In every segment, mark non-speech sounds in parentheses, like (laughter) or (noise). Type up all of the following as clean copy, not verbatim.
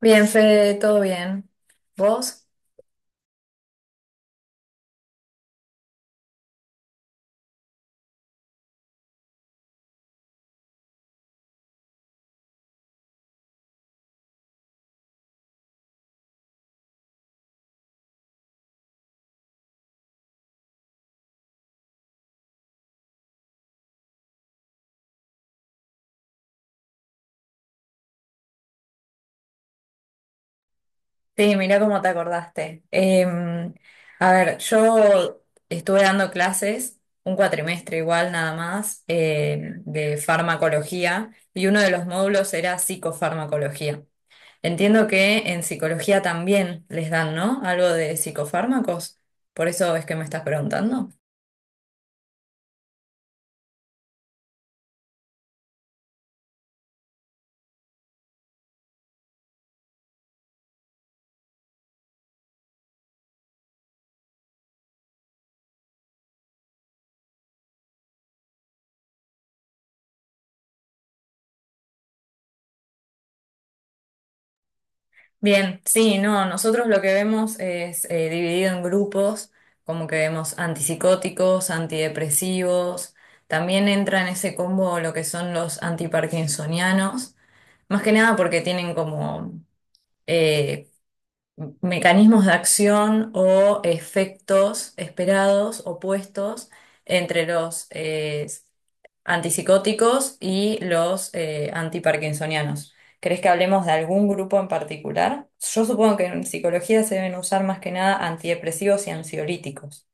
Bien, Fede, todo bien. ¿Vos? Sí, mira cómo te acordaste. A ver, yo estuve dando clases, un cuatrimestre igual nada más, de farmacología, y uno de los módulos era psicofarmacología. Entiendo que en psicología también les dan, ¿no? Algo de psicofármacos, por eso es que me estás preguntando. Bien, sí, no, nosotros lo que vemos es dividido en grupos, como que vemos antipsicóticos, antidepresivos, también entra en ese combo lo que son los antiparkinsonianos, más que nada porque tienen como eh, mecanismos de acción o efectos esperados opuestos entre los antipsicóticos y los antiparkinsonianos. ¿Crees que hablemos de algún grupo en particular? Yo supongo que en psicología se deben usar más que nada antidepresivos y ansiolíticos.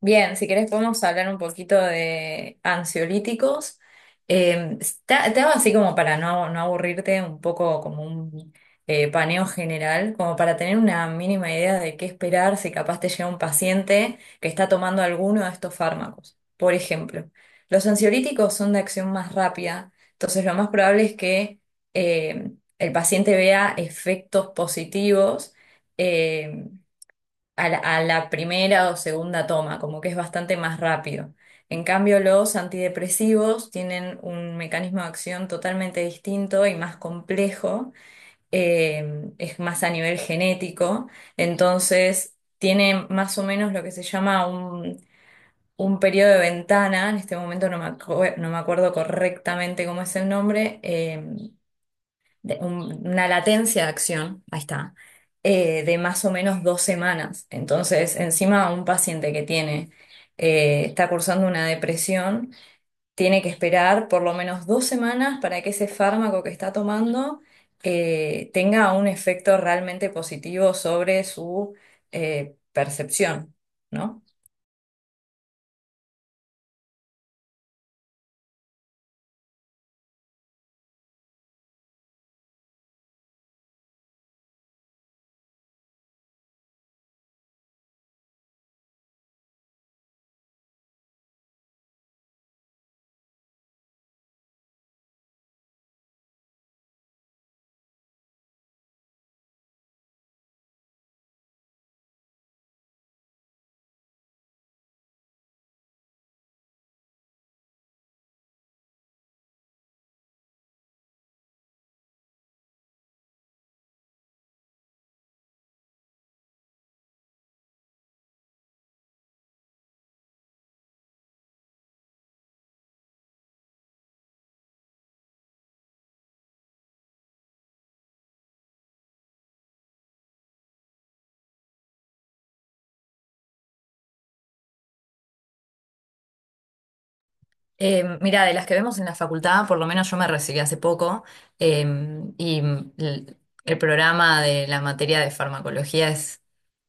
Bien, si querés podemos hablar un poquito de ansiolíticos. Te hago así como para no aburrirte, un poco como un paneo general, como para tener una mínima idea de qué esperar si capaz te llega un paciente que está tomando alguno de estos fármacos. Por ejemplo, los ansiolíticos son de acción más rápida, entonces lo más probable es que eh, el paciente vea efectos positivos. eh, a la primera o segunda toma, como que es bastante más rápido. En cambio, los antidepresivos tienen un mecanismo de acción totalmente distinto y más complejo, es más a nivel genético, entonces tiene más o menos lo que se llama un periodo de ventana. En este momento no me acuerdo correctamente cómo es el nombre, una latencia de acción, ahí está, de más o menos dos semanas. Entonces, encima un paciente que está cursando una depresión, tiene que esperar por lo menos dos semanas para que ese fármaco que está tomando tenga un efecto realmente positivo sobre su percepción, ¿no? Mira, de las que vemos en la facultad, por lo menos yo me recibí hace poco, eh, y el, el programa de la materia de farmacología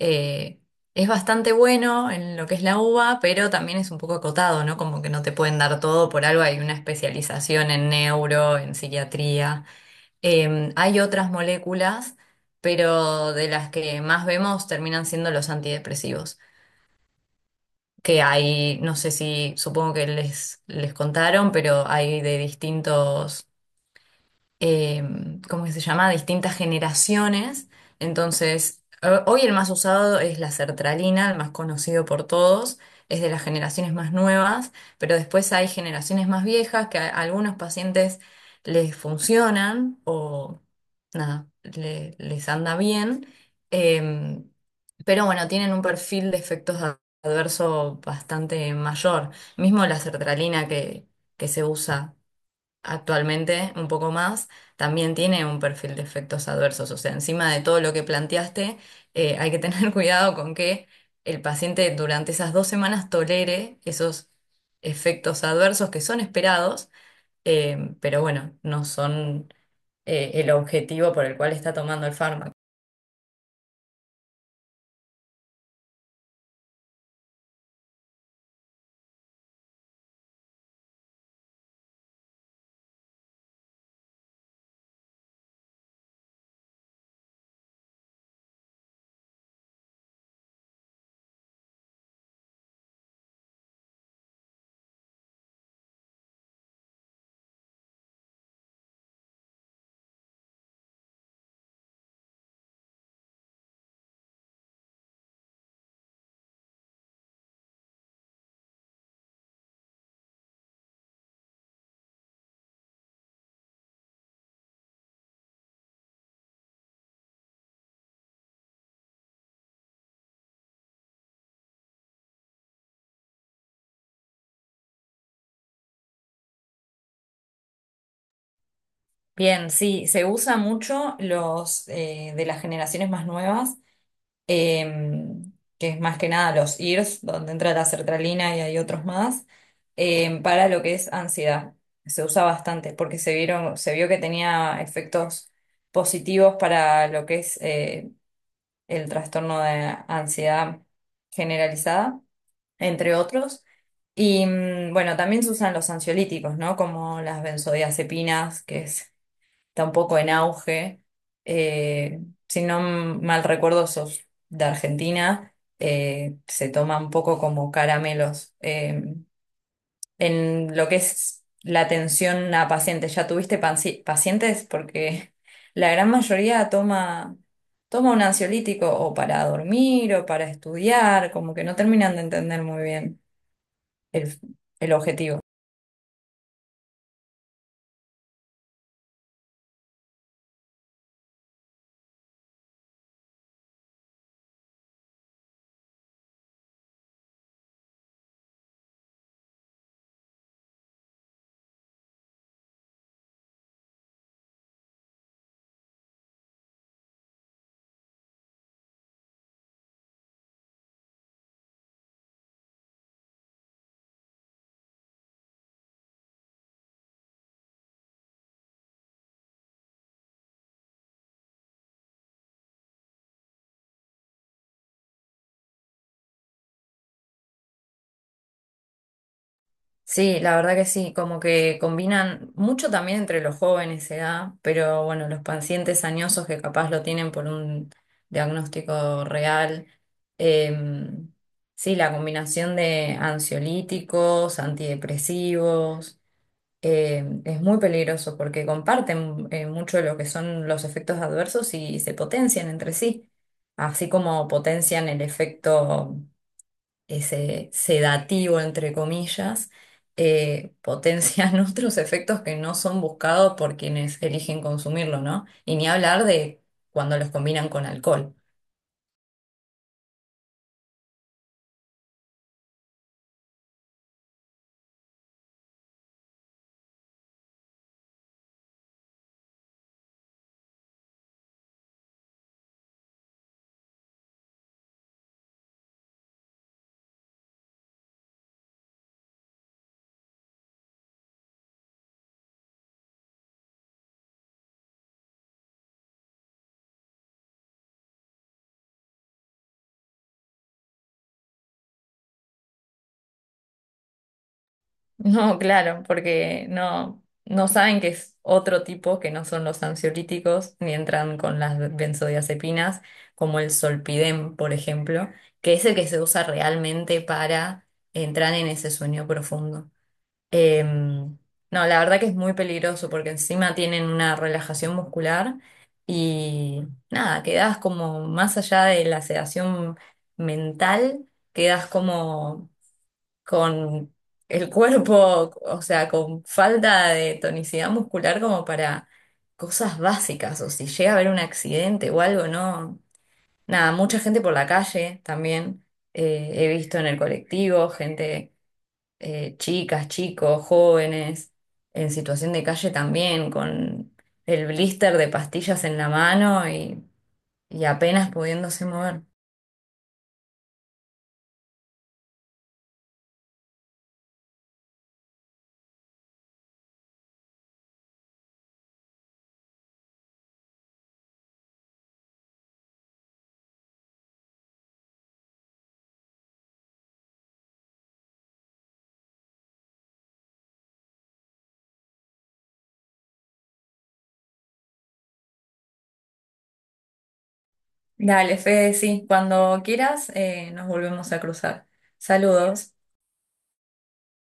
eh, es bastante bueno en lo que es la UBA, pero también es un poco acotado, ¿no? Como que no te pueden dar todo, por algo hay una especialización en neuro, en psiquiatría. Hay otras moléculas, pero de las que más vemos terminan siendo los antidepresivos que hay, no sé si, supongo que les contaron, pero hay de distintos eh, ¿cómo que se llama? Distintas generaciones. Entonces, hoy el más usado es la sertralina, el más conocido por todos, es de las generaciones más nuevas, pero después hay generaciones más viejas que a algunos pacientes les funcionan o nada, les anda bien. eh, pero bueno, tienen un perfil de efectos adversos bastante mayor. Mismo la sertralina que se usa actualmente un poco más, también tiene un perfil de efectos adversos. O sea, encima de todo lo que planteaste, hay que tener (laughs) cuidado con que el paciente durante esas dos semanas tolere esos efectos adversos que son esperados, pero bueno, no son el objetivo por el cual está tomando el fármaco. Bien, sí, se usa mucho los de las generaciones más nuevas em, que es más que nada los IRS, donde entra la sertralina y hay otros más, para lo que es ansiedad. Se usa bastante porque se se vio que tenía efectos positivos para lo que es el trastorno de ansiedad generalizada, entre otros. Y mm, bueno, también se usan los ansiolíticos, ¿no? Como las benzodiazepinas, que es está un poco en auge. Eh, si no mal recuerdo, sos de Argentina. Eh, se toma un poco como caramelos. En lo que es la atención a pacientes, ¿ya tuviste pacientes? Porque (laughs) la gran mayoría toma un ansiolítico o para dormir o para estudiar, como que no terminan de entender muy bien el el objetivo. Sí, la verdad que sí, como que combinan mucho también entre los jóvenes edad, pero bueno, los pacientes añosos que capaz lo tienen por un diagnóstico real. eh, sí, la combinación de ansiolíticos, antidepresivos, es muy peligroso porque comparten mucho de lo que son los efectos adversos y se potencian entre sí, así como potencian el efecto ese sedativo, entre comillas. Potencian (laughs) otros efectos que no son buscados por quienes eligen consumirlo, ¿no? Y ni hablar de cuando los combinan con alcohol. (laughs) No, claro, porque no saben que es otro tipo que no son los ansiolíticos, ni entran con las benzodiazepinas, como el solpidem, por ejemplo, que es el que se usa realmente para entrar en ese sueño profundo. Em, no, la verdad que es muy peligroso porque encima tienen una relajación muscular y nada, quedas como más allá de la sedación mental, quedas como con el (laughs) cuerpo, o sea, con falta de tonicidad muscular como para cosas básicas o si llega a haber un accidente o algo, ¿no? Nada, mucha gente por la calle también, he visto en el colectivo, gente chicas, chicos, jóvenes, en situación de calle también, con el blister de pastillas en la mano y apenas pudiéndose mover. Dale, Fede, sí, cuando quieras nos volvemos a cruzar. Saludos.